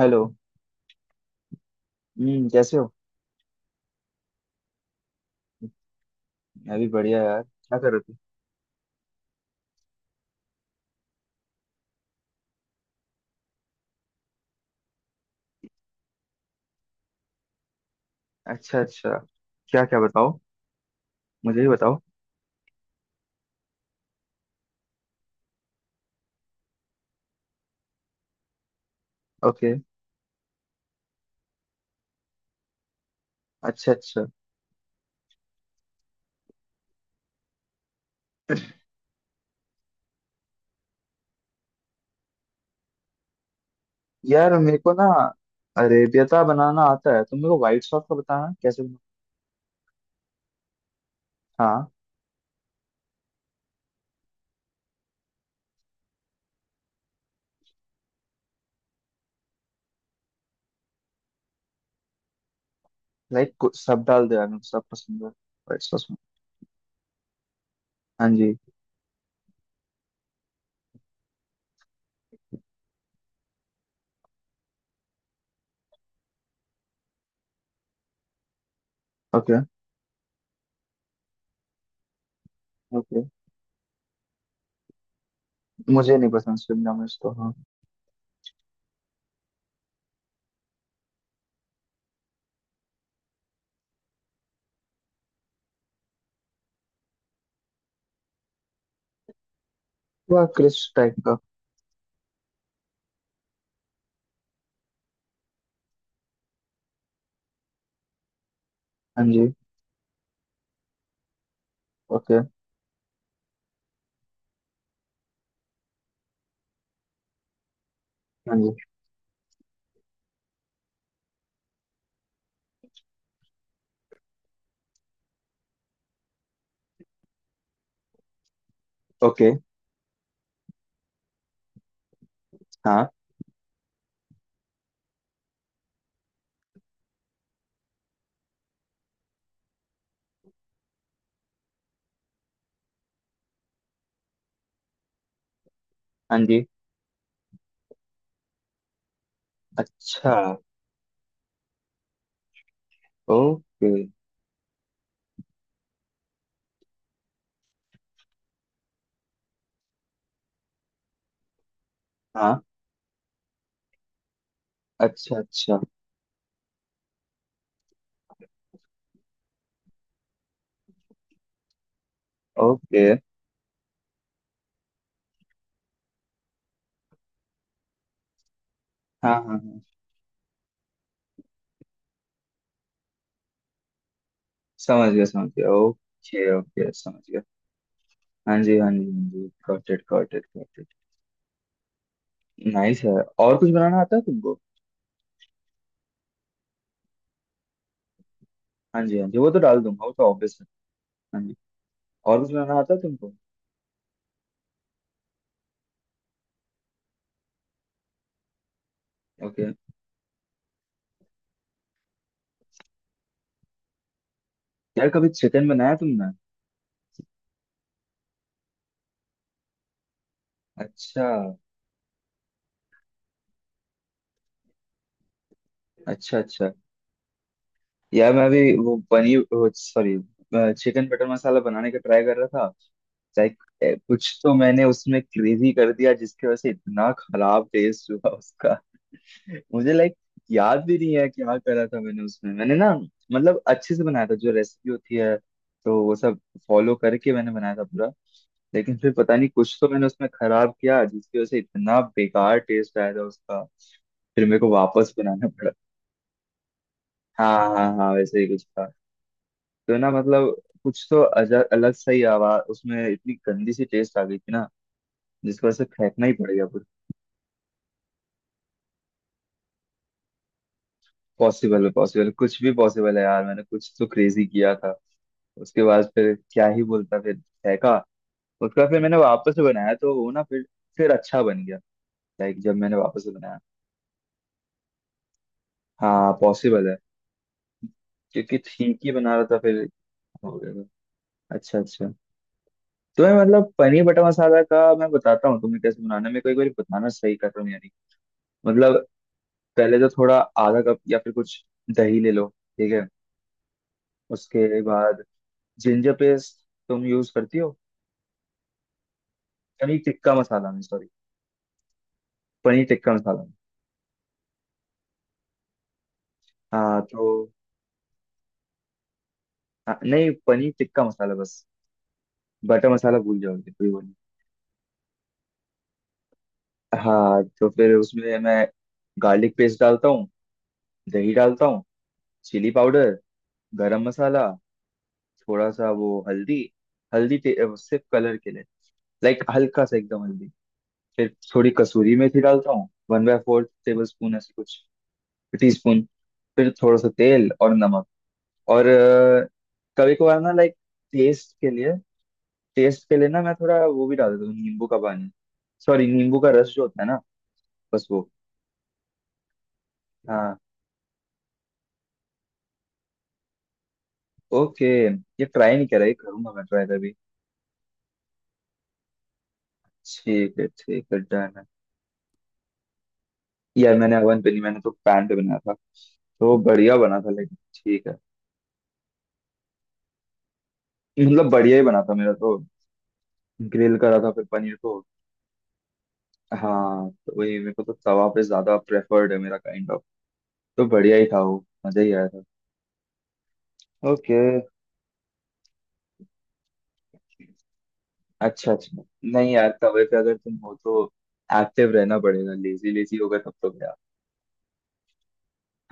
Hello. कैसे हो? मैं भी बढ़िया यार, क्या कर रहे थे? अच्छा अच्छा। क्या क्या बताओ, मुझे भी बताओ। ओके। अच्छा अच्छा। यार, मेरे को ना अरेबियता बनाना आता है। तुम मेरे को व्हाइट सॉस का बताना, कैसे बना? हाँ। लाइक कुछ सब डाल दो यार, मेरे को सब पसंद है व्हाइट सॉस में। हाँ जी। Okay okay. मुझे नहीं पसंद शिमला मिर्च, तो हाँ। वह क्रिस्प टाइप का। हाँ जी। ओके। हाँ जी। ओके। हाँ, हाँ जी। अच्छा। ओके। हाँ। अच्छा अच्छा। ओके। हाँ हाँ हाँ, समझ गया समझ गया, ओके ओके, समझ गया। हाँ जी हाँ जी हाँ जी, got it got it got it. Nice है। और कुछ बनाना आता है तुमको? हाँ जी हाँ जी, वो तो डाल दूंगा, वो तो ऑब्वियस है। हाँ जी। और कुछ बनाना आता है तुमको? ओके। यार, कभी चिकन बनाया तुमने? अच्छा। अच्छा अच्छा। यार मैं अभी वो paneer, sorry, chicken butter masala बनाने का ट्राई कर रहा था। लाइक कुछ तो मैंने उसमें क्रेजी कर दिया, जिसकी वजह से इतना खराब टेस्ट हुआ उसका। मुझे लाइक याद भी नहीं है क्या करा था मैंने उसमें। मैंने ना मतलब अच्छे से बनाया था, जो रेसिपी होती है, तो वो सब फॉलो करके मैंने बनाया था पूरा। लेकिन फिर पता नहीं कुछ तो मैंने उसमें खराब किया जिसकी वजह से इतना बेकार टेस्ट आया था उसका। फिर मेरे को वापस बनाना पड़ा। हाँ हाँ हाँ, वैसे ही कुछ था। तो ना मतलब कुछ तो अलग सा ही आवाज उसमें, इतनी गंदी सी टेस्ट आ गई थी ना, जिसकी वजह से फेंकना ही पड़ गया पूरा। पॉसिबल है, पॉसिबल, कुछ भी पॉसिबल है यार। मैंने कुछ तो क्रेजी किया था उसके बाद, फिर क्या ही बोलता। फिर फेंका उसका। फिर मैंने वापस से बनाया, तो वो ना, फिर अच्छा बन गया। लाइक जब मैंने वापस से बनाया। हाँ पॉसिबल है। क्योंकि ठीक ही बना रहा था फिर, हो गया था। अच्छा अच्छा। तो मैं मतलब पनीर बटर मसाला का मैं बताता हूँ तुम्हें कैसे बनाना है। मेरे को एक बार बताना सही कर रहा हूँ यानी मतलब। पहले तो थोड़ा आधा कप या फिर कुछ दही ले लो, ठीक है? उसके बाद जिंजर पेस्ट तुम यूज करती हो पनीर टिक्का मसाला में? सॉरी, पनीर टिक्का मसाला में। हाँ तो। हाँ, नहीं पनीर टिक्का मसाला बस, बटर मसाला भूल जाओगे, कोई वो नहीं। हाँ, तो फिर उसमें मैं गार्लिक पेस्ट डालता हूँ, दही डालता हूँ, चिली पाउडर, गरम मसाला, थोड़ा सा वो हल्दी। हल्दी सिर्फ कलर के लिए, लाइक हल्का सा एकदम हल्दी। फिर थोड़ी कसूरी मेथी डालता हूँ, one by four tablespoon ऐसे कुछ, टी स्पून। फिर थोड़ा सा तेल और नमक, और कभी कभार ना लाइक टेस्ट के लिए, टेस्ट के लिए ना मैं थोड़ा वो भी डाल देता हूँ, नींबू का पानी, सॉरी, नींबू का रस जो होता है ना, बस वो। हाँ। ओके। ये ट्राई नहीं करा, ये करूंगा मैं ट्राई कभी। ठीक है ठीक है, डन है। यार मैंने ओवन पे नहीं, मैंने तो पैन पे बनाया था, तो बढ़िया बना था, लेकिन ठीक है। मतलब बढ़िया ही बना था मेरा तो। ग्रिल करा था फिर पनीर को। हाँ, तो वही मेरे को तो तवा पे ज्यादा प्रेफर्ड है, मेरा काइंड ऑफ। तो बढ़िया ही था वो, मजा ही आया था। ओके। अच्छा अच्छा। नहीं यार, तवे पे अगर तुम हो तो एक्टिव रहना पड़ेगा, लेजी लेजी होगा तब तो गया।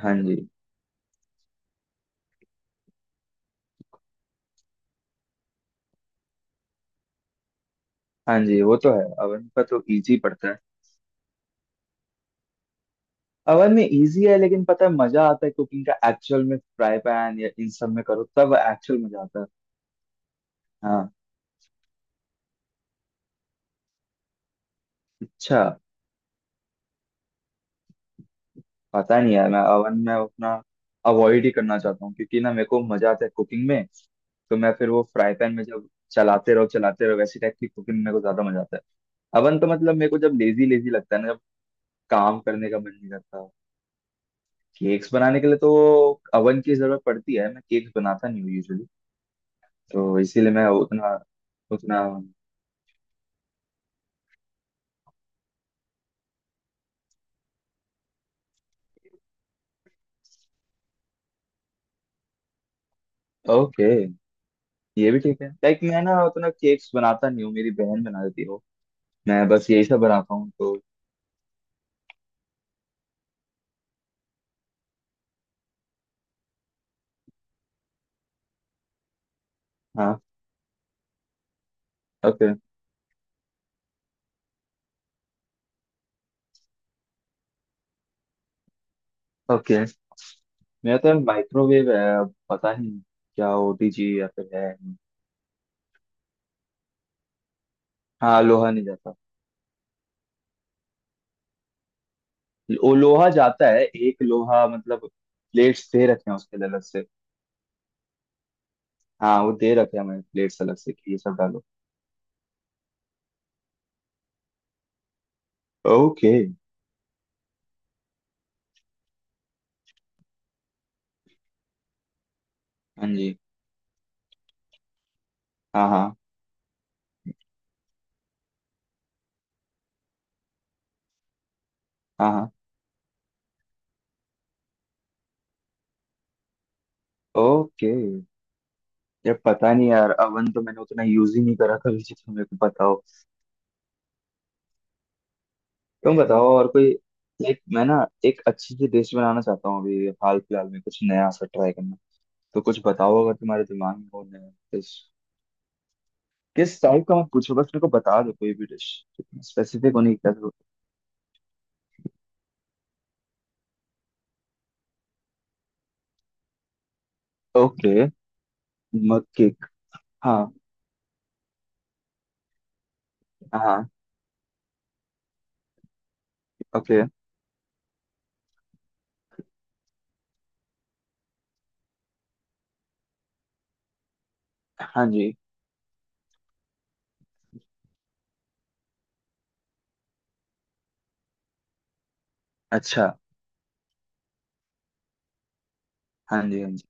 हाँ जी हाँ जी, वो तो है, अवन का तो इजी पड़ता है। अवन में इजी है, लेकिन पता है, मजा आता है कुकिंग का एक्चुअल में, फ्राई पैन या इन सब में करो तब एक्चुअल मजा आता है। हाँ। अच्छा। पता नहीं यार, मैं अवन में अपना अवॉइड ही करना चाहता हूँ, क्योंकि ना मेरे को मजा आता है कुकिंग में। तो मैं फिर वो फ्राई पैन में जब चलाते रहो चलाते रहो, वैसी टाइप की कुकिंग मेरे को ज्यादा मजा आता है। अवन तो मतलब मेरे को जब लेजी लेजी लगता है ना, काम करने का मन नहीं करता। केक्स बनाने के लिए तो अवन की जरूरत पड़ती है, मैं केक्स बनाता नहीं हूँ यूजुअली, तो इसीलिए मैं उतना उतना ओके। ये भी ठीक है, लाइक मैं ना उतना केक्स बनाता नहीं हूँ, मेरी बहन बना देती हो, मैं बस यही सब बनाता हूँ तो। हाँ। Okay okay. मेरा तो माइक्रोवेव है, अब पता नहीं क्या ओटीजी या फिर है। हाँ, लोहा नहीं जाता। वो लोहा जाता है, एक लोहा मतलब, प्लेट्स दे रखे हैं उसके लिए अलग से। हाँ वो दे रखे हैं मैंने, प्लेट्स अलग से कि ये सब डालो। ओके। हाँ जी। हाँ हाँ। हाँ हाँ। ओके। यार पता नहीं यार, अवन तो मैंने उतना यूज ही नहीं करा कभी जितना मेरे को पता हो। तुम बताओ और कोई। लाइक मैं ना एक अच्छी सी डिश बनाना चाहता हूँ अभी हाल फिलहाल में, कुछ नया सा ट्राई करना। तो कुछ बताओ अगर तुम्हारे दिमाग में हो नया डिश। किस टाइप का मत पूछो, बस मेरे को बता दो कोई भी डिश, स्पेसिफिक होने की क्या जरूरत। ओके। Mug cake. हाँ। हाँ। ओके। हाँ जी। अच्छा। हाँ जी हाँ जी।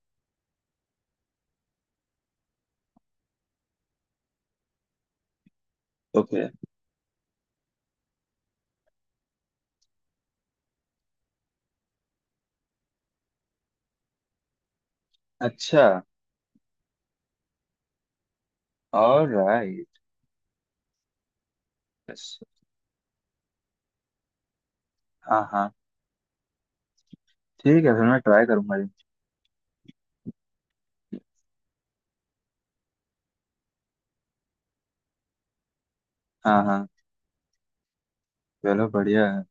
ओके। अच्छा। ऑलराइट। हाँ हाँ। ठीक है, फिर मैं ट्राई करूंगा ये चीज़। हाँ हाँ। चलो बढ़िया है।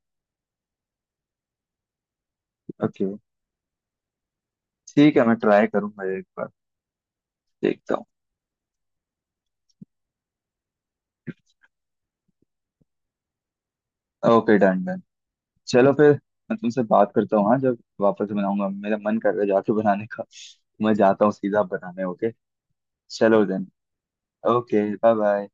ओके। ठीक है, मैं ट्राई करूंगा ये एक बार। देखता हूँ। Okay, done done. चलो फिर, मैं तुमसे बात करता हूँ हाँ, जब वापस बनाऊंगा। मेरा मन कर रहा है जाके बनाने का। मैं जाता हूँ सीधा बनाने, ओके। चलो देन। Okay, bye bye.